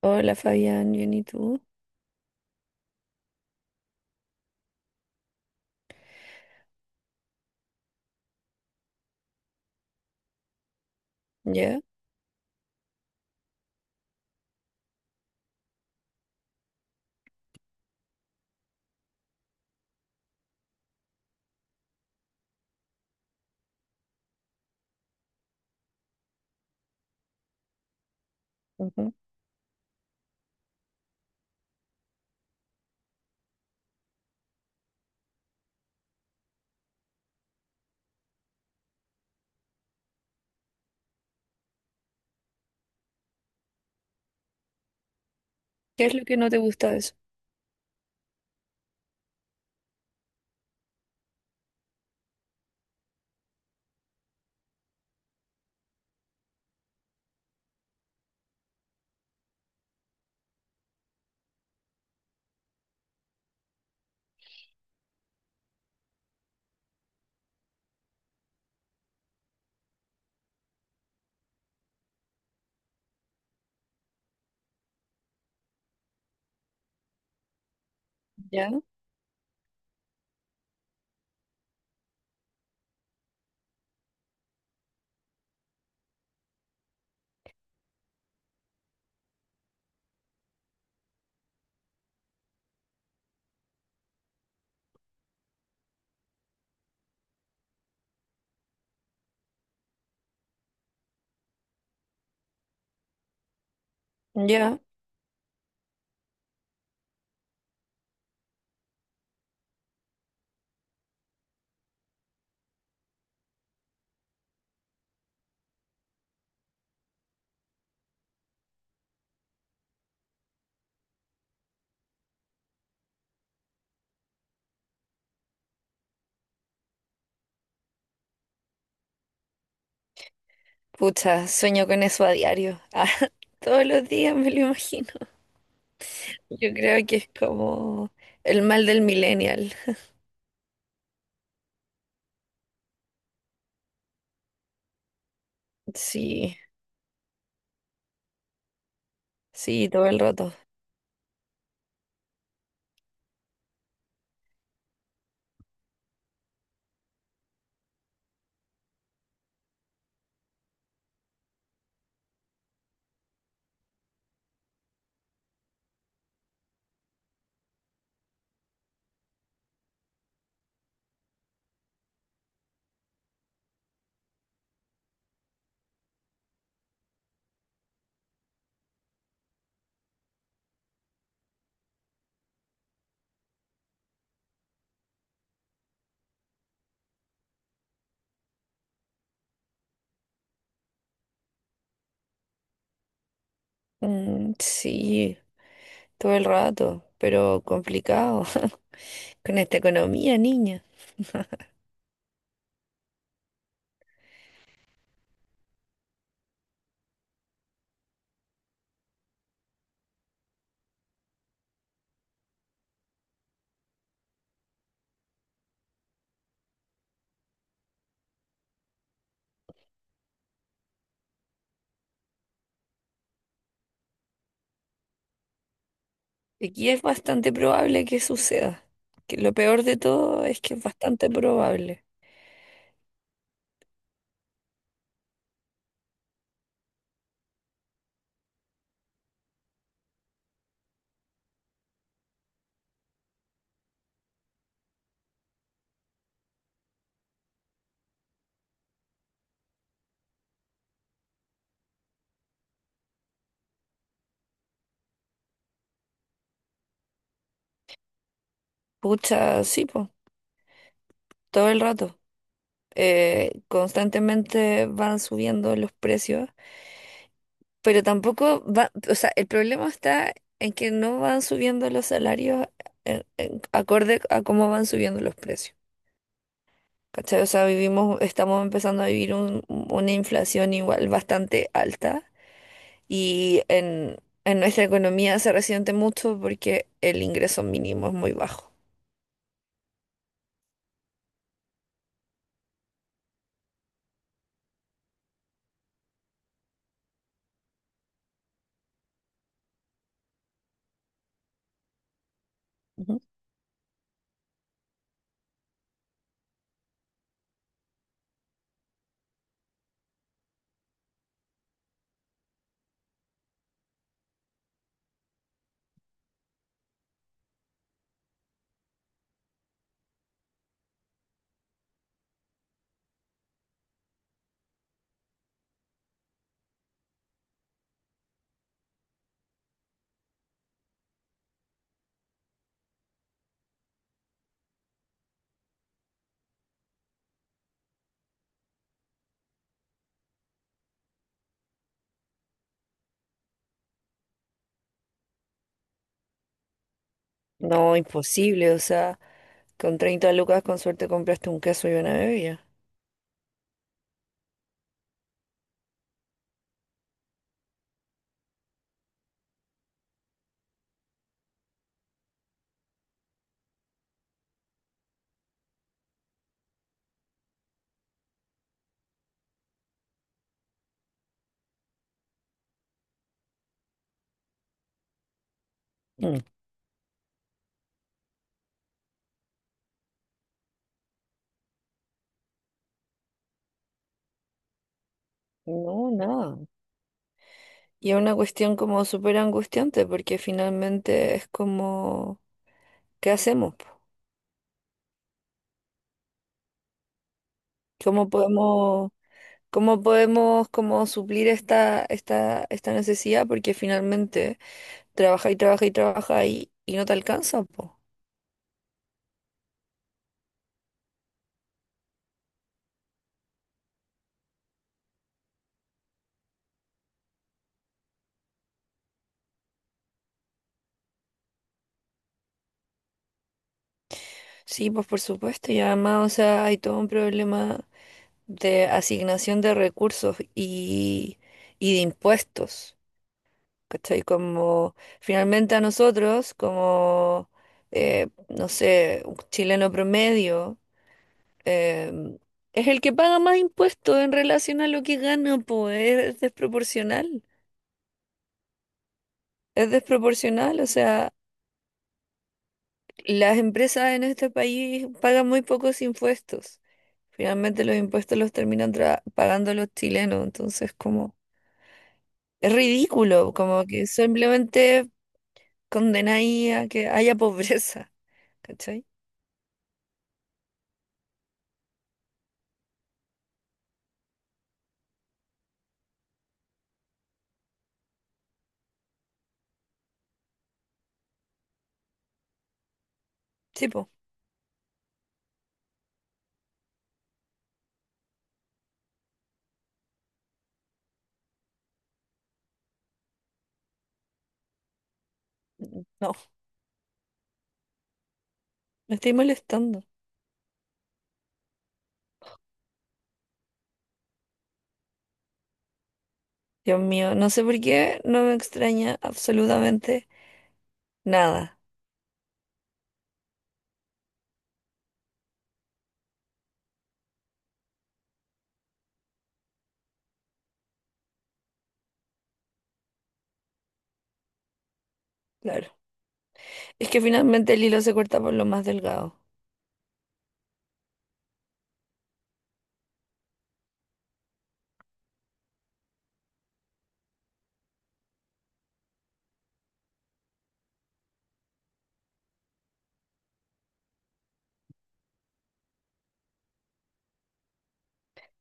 Hola Fabián, bien, ¿y tú? ¿Ya? Ujú. ¿Qué es lo que no te gusta de eso? ¿Ya? ¿Ya? Pucha, sueño con eso a diario. Ah, todos los días me lo imagino. Yo creo que es como el mal del millennial. Sí, sí, todo el rato. Mm, sí, todo el rato, pero complicado. Con esta economía, niña. Aquí es bastante probable que suceda. Que lo peor de todo es que es bastante probable. Pucha, sí, pues, todo el rato. Constantemente van subiendo los precios, pero tampoco va, o sea, el problema está en que no van subiendo los salarios acorde a cómo van subiendo los precios. ¿Cachai? O sea, vivimos, estamos empezando a vivir una inflación igual bastante alta y en nuestra economía se resiente mucho porque el ingreso mínimo es muy bajo. Ujú. No, imposible, o sea, con 30 lucas con suerte compraste un queso y una bebida. Mm. No, nada. Y es una cuestión como súper angustiante porque finalmente es como, ¿qué hacemos, po? ¿Cómo podemos, cómo podemos como suplir esta necesidad? Porque finalmente trabaja y trabaja y trabaja y no te alcanza, po. Sí, pues por supuesto. Y además, o sea, hay todo un problema de asignación de recursos y de impuestos. ¿Cachai? Como finalmente a nosotros, como, no sé, un chileno promedio, eh, es el que paga más impuestos en relación a lo que gana, pues es desproporcional. Es desproporcional, o sea, las empresas en este país pagan muy pocos impuestos. Finalmente los impuestos los terminan pagando los chilenos, entonces como es ridículo, como que simplemente condenáis a que haya pobreza, ¿cachai? Sí, po. No, me estoy molestando. Dios mío, no sé por qué no me extraña absolutamente nada. Claro. Es que finalmente el hilo se corta por lo más delgado.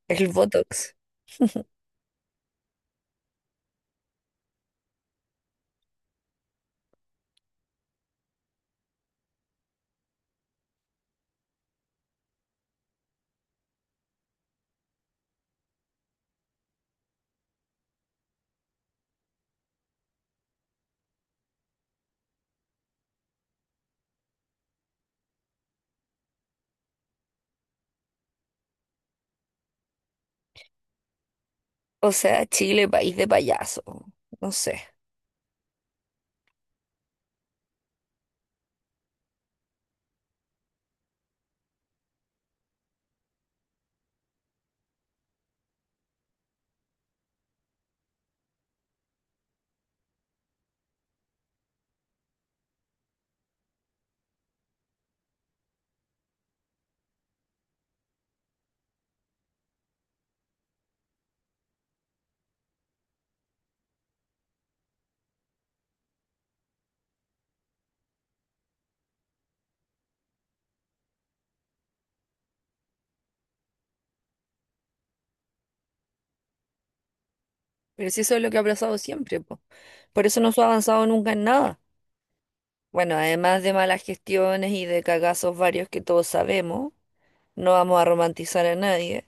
El Botox. O sea, Chile, país de payaso. No sé. Pero si eso es lo que ha pasado siempre, po. Por eso no se ha avanzado nunca en nada. Bueno, además de malas gestiones y de cagazos varios que todos sabemos, no vamos a romantizar a nadie.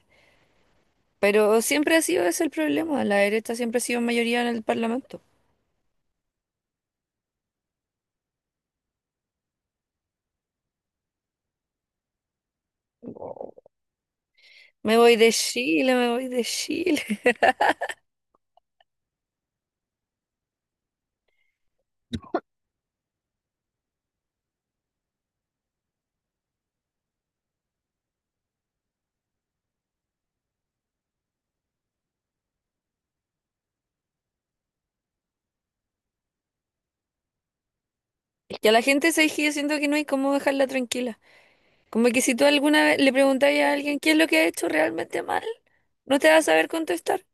Pero siempre ha sido ese el problema. La derecha siempre ha sido mayoría en el Parlamento. Me voy de Chile, me voy de Chile. Es que a la gente, se que yo siento que no hay cómo dejarla tranquila. Como que si tú alguna vez le preguntas a alguien qué es lo que ha hecho realmente mal, no te va a saber contestar.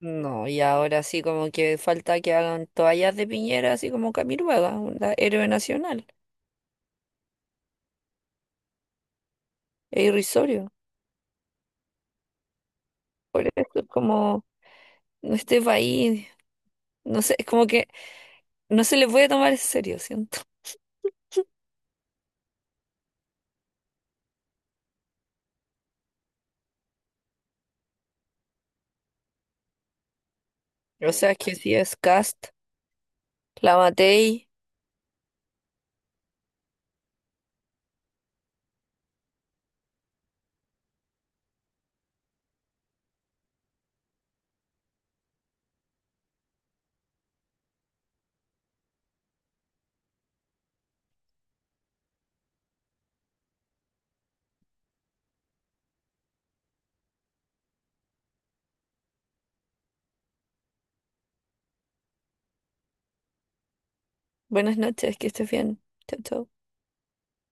No, y ahora sí como que falta que hagan toallas de Piñera, así como Camiruaga, un héroe nacional. Es irrisorio. Por eso es como no, este país, no sé, es como que no se le puede tomar en serio, siento. O sea, es que si es Cast, la Matei, buenas noches, que estés bien. Chao, chao.